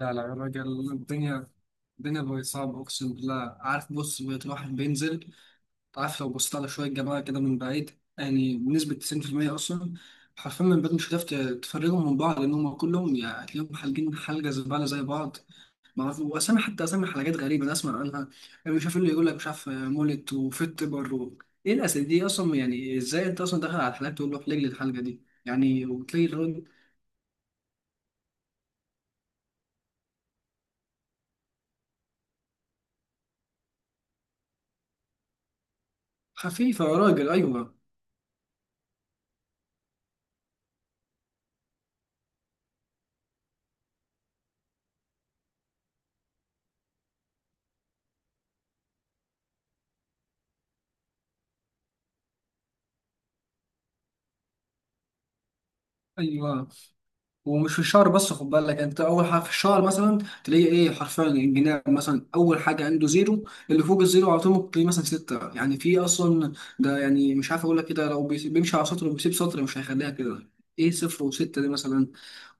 لا لا يا راجل الدنيا بقت صعبة، أقسم بالله. عارف، بص، بقيت الواحد بينزل، عارف، لو بصيت على شوية جماعة كده من بعيد، يعني بنسبة 90% أصلا، حرفيا من بعيد مش هتعرف تفرقهم من بعض، لأن هما كلهم يعني هتلاقيهم حالجين حلقة زبالة زي بعض. معرفش، وأسامي، حتى أسامي حلقات غريبة أنا أسمع عنها، يعني مش عارف إيه اللي يقول لك مش عارف مولت وفيت بر. إيه الأسامي دي أصلا؟ يعني إزاي أنت أصلا داخل على الحلقة تقول له احلق لي الحلقة دي، يعني، وتلاقي الراجل خفيفة يا راجل. أيوه. أيوه، ومش في الشعر بس، خد بالك، يعني انت اول حاجه في الشعر مثلا تلاقي ايه حرفيا الجناب مثلا اول حاجه عنده زيرو، اللي فوق الزيرو على طول ممكن تلاقيه مثلا سته، يعني في اصلا، ده يعني مش عارف اقول لك، كده لو بيمشي على سطر وبيسيب سطر، مش هيخليها كده ايه، صفر وسته دي مثلا.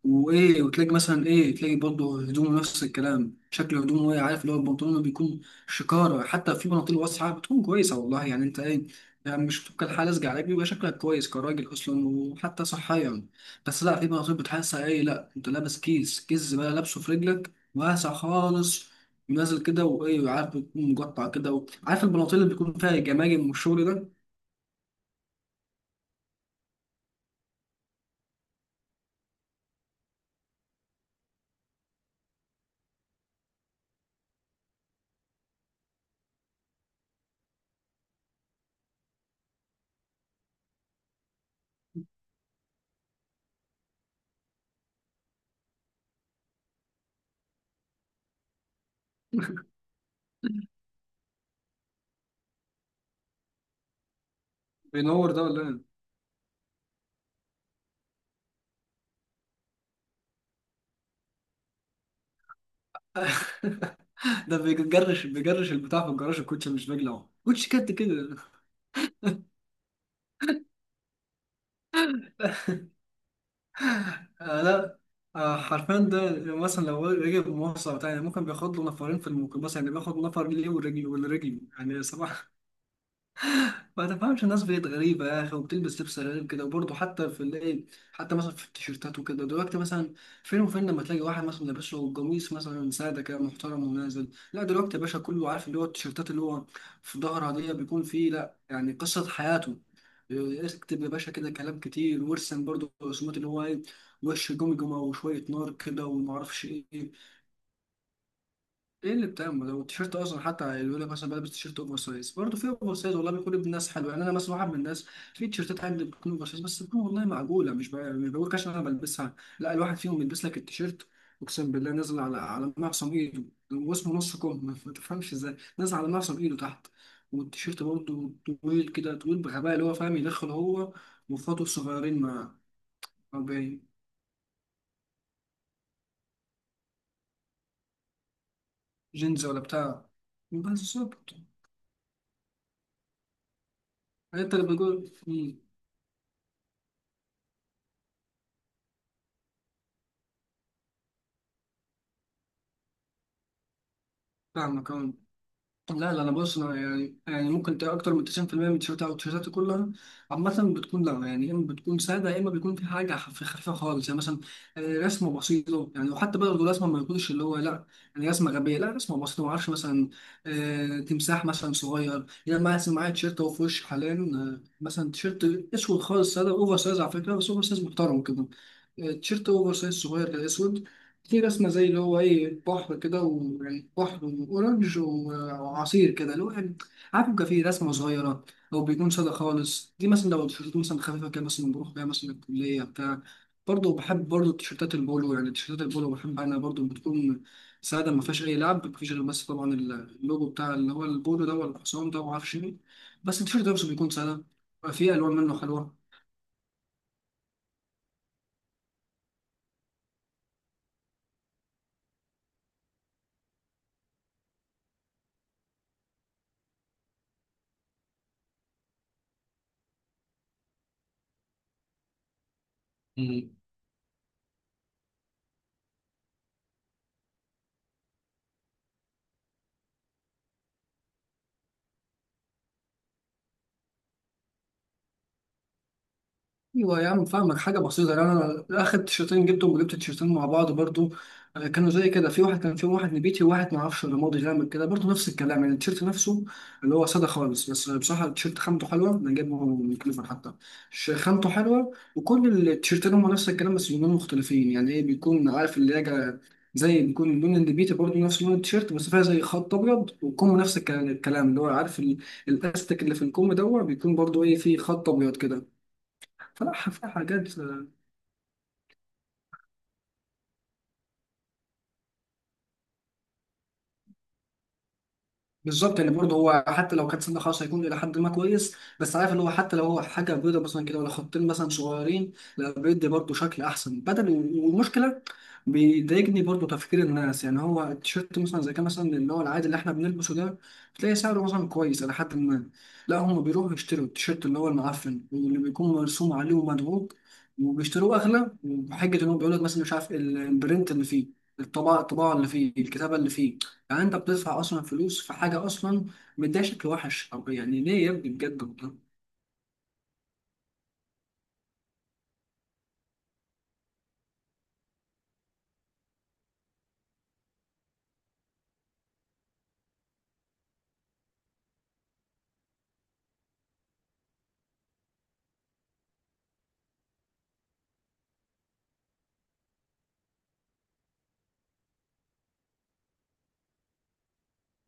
وايه، وتلاقي مثلا، ايه، تلاقي برضه هدومه نفس الكلام، شكل هدومه ايه، عارف، اللي هو البنطلون بيكون شكاره. حتى في بناطيل واسعه بتكون كويسه والله، يعني انت ايه، يعني مش بتبقى الحاله لازقه عليك، بيبقى شكلك كويس كراجل اصلا، وحتى صحيا. بس لا، في بناطيل بتحسها ايه، لا، انت لابس كيس، كيس بقى لابسه في رجلك، واسع خالص ونازل كده، وايه، عارف، بيكون مقطع كده، عارف، البناطيل اللي بيكون فيها الجماجم والشغل ده. بينور ده ولا ايه؟ ده بيجرش البتاع في الجراج الكوتش، مش بيجلعه كوتش كات كده. آه لا. آه حرفيا ده مثلا لو رجع بمواصلة بتاع، يعني ممكن بياخد له نفرين في الميكروباص، يعني بياخد نفر ليه ورجل، والرجل يعني صباح ما تفهمش. الناس بقت غريبة يا أخي، وبتلبس لبس غريب كده، وبرضه حتى في الإيه، حتى مثلا في التيشيرتات وكده دلوقتي، مثلا فين وفين لما تلاقي واحد مثلا لابس له قميص مثلا سادة كده محترم ونازل. لا دلوقتي يا باشا، كله عارف اللي هو التيشيرتات اللي هو في ظهرها دي بيكون فيه، لا يعني، قصة حياته. اكتب يا باشا كده كلام كتير، وارسم برضه رسومات، اللي هو إيه، وش جمجمة وشوية نار كده ومعرفش إيه. ايه اللي بتاع، ما هو التيشيرت اصلا، حتى يقول لك مثلا بلبس تيشيرت اوفر سايز. برضه في اوفر سايز والله بيكون ابن الناس حلو، يعني انا مثلا واحد من الناس في تيشيرتات عندي بتكون اوفر سايز، بس بتكون والله معقوله، مش بقى مش بقول عشان انا بلبسها، لا. الواحد فيهم بيلبس لك التيشيرت، اقسم بالله، نازل على معصم ايده، واسمه نص كم. ما تفهمش ازاي نازل على معصم ايده تحت، والتيشيرت برضه طويل كده، طويل بغباء، اللي هو فاهم يدخل هو واخواته الصغيرين مع مع جينز ولا بتاع. بس بالظبط. انت اللي بتقول مم، فاهمك أهو. لا لا، انا بص، انا يعني، يعني ممكن تلاقي اكتر من 90% من التيشيرتات او التيشيرتات كلها عامه بتكون، لا يعني، يا اما بتكون ساده، يا اما بيكون في حاجه خفيفه خالص، يعني مثلا رسمه بسيطه يعني. وحتى برضه الرسمه ما يكونش اللي هو لا، يعني رسمه غبيه، لا رسمه بسيطه، ما اعرفش مثلا تمساح مثلا صغير. يعني انا مثلا معايا تيشيرت اهو في وشي حاليا، مثلا تيشيرت اسود خالص ساده اوفر سايز على فكره، بس اوفر سايز محترم كده، تيشيرت اوفر سايز صغير كده اسود، في رسمة زي اللي هو ايه، بحر كده، ويعني بحر وأورنج او عصير كده، اللي هو يعني، عارف، بيبقى فيه رسمه صغيره، او بيكون ساده خالص. دي مثلا لو تيشيرتات مثلا خفيفه كده مثلا بروح بيها مثلا الكليه بتاع. برضه بحب برضه التيشيرتات البولو، يعني التيشيرتات البولو بحب، انا برضه بتكون ساده، ما فيهاش اي لعب، ما فيش غير بس طبعا اللوجو بتاع اللي هو البولو ده ولا الحصان ده وما اعرفش ايه، بس التيشيرت ده بس بيكون ساده، فيه الوان منه حلوه. ايوه يا عم فاهمك حاجه بسيطه. يعني انا اخر تيشرتين جبتهم، وجبت تيشرتين مع بعض برضو، كانوا زي كده، في واحد كان فيهم واحد نبيتي، وواحد ما اعرفش رمادي غامق كده، برضو نفس الكلام يعني التيشرت نفسه اللي هو ساده خالص. بس بصراحه التيشرت خامته حلوه، انا جايبه من كليفر حتى، خامته حلوه. وكل التيشرتين هم نفس الكلام، بس لونين مختلفين، يعني ايه، بيكون عارف اللي هي، زي، بيكون لون النبيتي برضو نفس لون التيشيرت، بس فيها زي خط ابيض، والكم نفس الكلام اللي هو عارف الاستك اللي في الكم دوت بيكون برضو ايه، فيه خط ابيض كده. صراحة في حاجات بالظبط. يعني برضه هو حتى لو كانت سنة خاصة هيكون إلى حد ما كويس، بس عارف اللي هو حتى لو هو حاجة بيضة مثلا كده، ولا خطين مثلا صغيرين، لا بيدي برضه شكل أحسن بدل. والمشكلة بيضايقني برضه تفكير الناس. يعني هو التيشيرت مثلا زي كان مثلا اللي هو العادي اللي إحنا بنلبسه ده، بتلاقي سعره مثلا كويس إلى حد ما، لا هم بيروحوا يشتروا التيشيرت اللي هو المعفن، واللي بيكون مرسوم عليه ومدروج، وبيشتروه أغلى، وبحجة إن هو بيقول لك مثلا مش عارف البرنت اللي فيه، الطباعة، الطباعة اللي فيه، الكتابة اللي فيه. يعني انت بتصرف اصلا فلوس في حاجه اصلا مديها شكل وحش، طب يعني ليه يا ابني، بجد والله.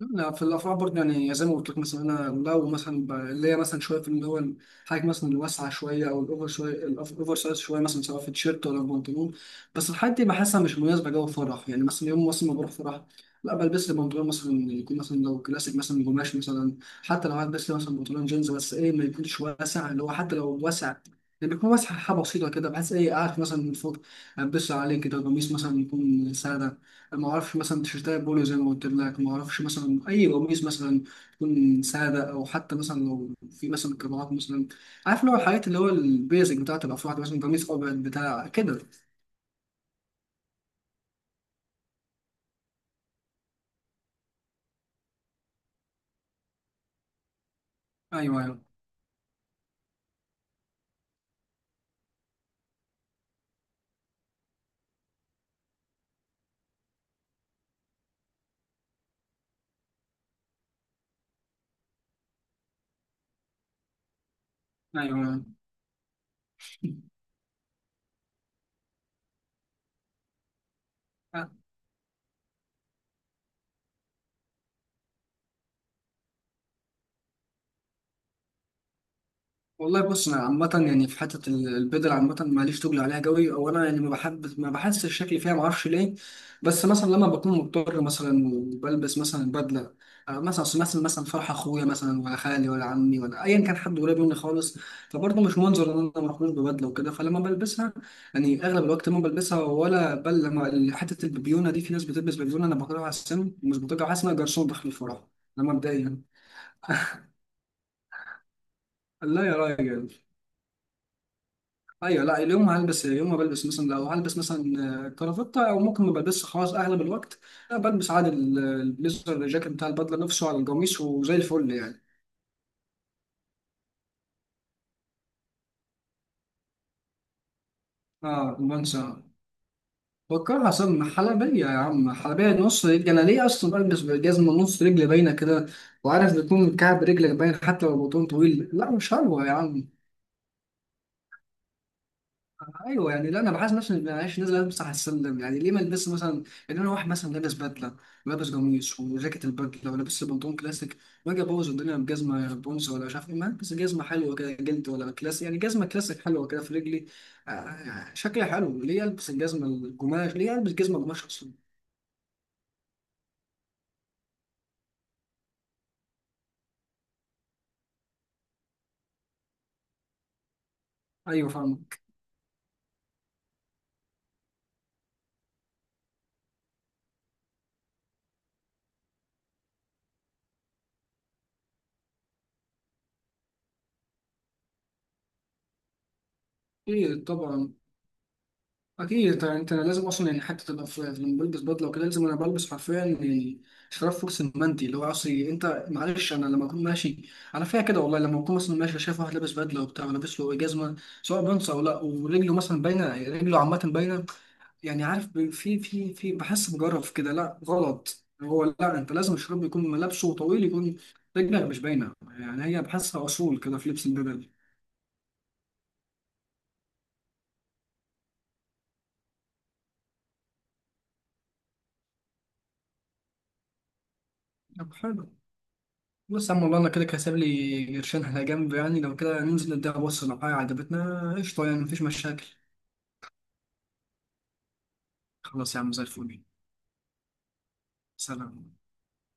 لا في الافراح برضه، يعني زي ما قلت لك، مثلا انا لو مثلا اللي هي مثلا شويه في اللي هو الحاجه مثلا الواسعه شويه، او الاوفر شويه، الاوفر سايز شويه، مثلا سواء في تيشيرت ولا بنطلون، بس الحاجات دي بحسها مش مناسبه جو فرح. يعني مثلا يوم مثلا ما بروح فرح، لا بلبس لي بنطلون مثلا يكون مثلا لو كلاسيك مثلا قماش مثلا، حتى لو هلبس لي مثلا بنطلون جينز، بس ايه، ما يكونش واسع، اللي هو حتى لو واسع يعني بيكون واسع حاجه بسيطه كده، بحس ايه قاعد مثلا من فوق، البس عليه كده قميص مثلا يكون ساده، ما اعرفش مثلا تيشيرتات بولو زي ما قلت لك، ما اعرفش مثلا اي قميص مثلا تكون ساده، او حتى مثلا لو في مثلا قراءات مثلا، عارف اللي هو الحاجات اللي هو البيزك بتاعت الافراد، مثلا قميص ابيض بتاع كده. ايوه ايوه ايوه. والله بص، انا عامه يعني في حته البدل، عامه ماليش تقل عليها قوي، او انا يعني ما بحب، ما بحسش الشكل فيها، ما اعرفش ليه. بس مثلا لما بكون مضطر مثلا وبلبس مثلا بدله، مثلا أصل مثلا، مثلا فرح اخويا مثلا، ولا خالي، ولا عمي، ولا ايا كان حد قريب مني خالص، فبرضه مش منظر ان انا مخلوش ببدله وكده. فلما بلبسها، يعني اغلب الوقت ما بلبسها، ولا بل لما حته البيبيونه دي، في ناس بتلبس بيبيونه انا بكرهها على السن، ومش بطيقها، حاسس ان أنا جرسون داخل الفرح. ده مبدئيا. لا يا راجل. ايوه لا، اليوم هلبس. يوم ما بلبس مثلا، لو هلبس مثلا كرافتة، او ممكن ما بلبسش خلاص. اغلب الوقت لا بلبس عادي البليزر، الجاكيت بتاع البدله نفسه على القميص، وزي الفل يعني. اه رومانسي. فكرها اصلا حلبيه يا عم، حلبيه نص رجل. انا ليه اصلا بلبس جزمه نص رجل باينه كده، وعارف بيكون كعب رجلك باين، حتى لو البطن طويل، لا مش حلوه يا عم. ايوه، يعني لا، انا بحس نفسي معلش نازل البس على السلم. يعني ليه ما البس مثلا، يعني انا واحد مثلا لابس بدله، ولابس قميص وجاكيت البدله، ولابس بنطلون كلاسيك، واجي ابوظ الدنيا بجزمه بونس ولا مش عارف ايه؟ ما البس جزمه حلوه كده جلد، ولا كلاسيك، يعني جزمه كلاسيك حلوه كده في رجلي، شكلها حلو. ليه البس الجزمه القماش؟ ليه البس جزمه قماش اصلا؟ ايوه فاهمك. ايه طبعا، اكيد طبعا. انت أنا لازم اصلا، يعني حتى تبقى في لما بلبس بدله وكده لازم، انا بلبس حرفيا يعني شراب فوكس المندي اللي هو اصلي. انت معلش، انا لما اكون ماشي على فيها كده والله، لما اكون مثلا ماشي شايف واحد لابس بدله وبتاع، ولابس له جزمه، سواء بنص او لا، ورجله مثلا باينه، رجله عامه باينه، يعني عارف في في بحس بجرف كده، لا غلط هو، لا انت لازم الشراب يكون ملابسه طويل، يكون رجلك مش باينه، يعني هي بحسها اصول كده في لبس البدل. طب حلو. بص يا عم، والله انا كده كده سايب لي قرشين على جنب، يعني لو كده ننزل نديها بص، لو حاجه عجبتنا قشطه يعني، مفيش مشاكل. خلاص يا عم، زي الفل. سلام.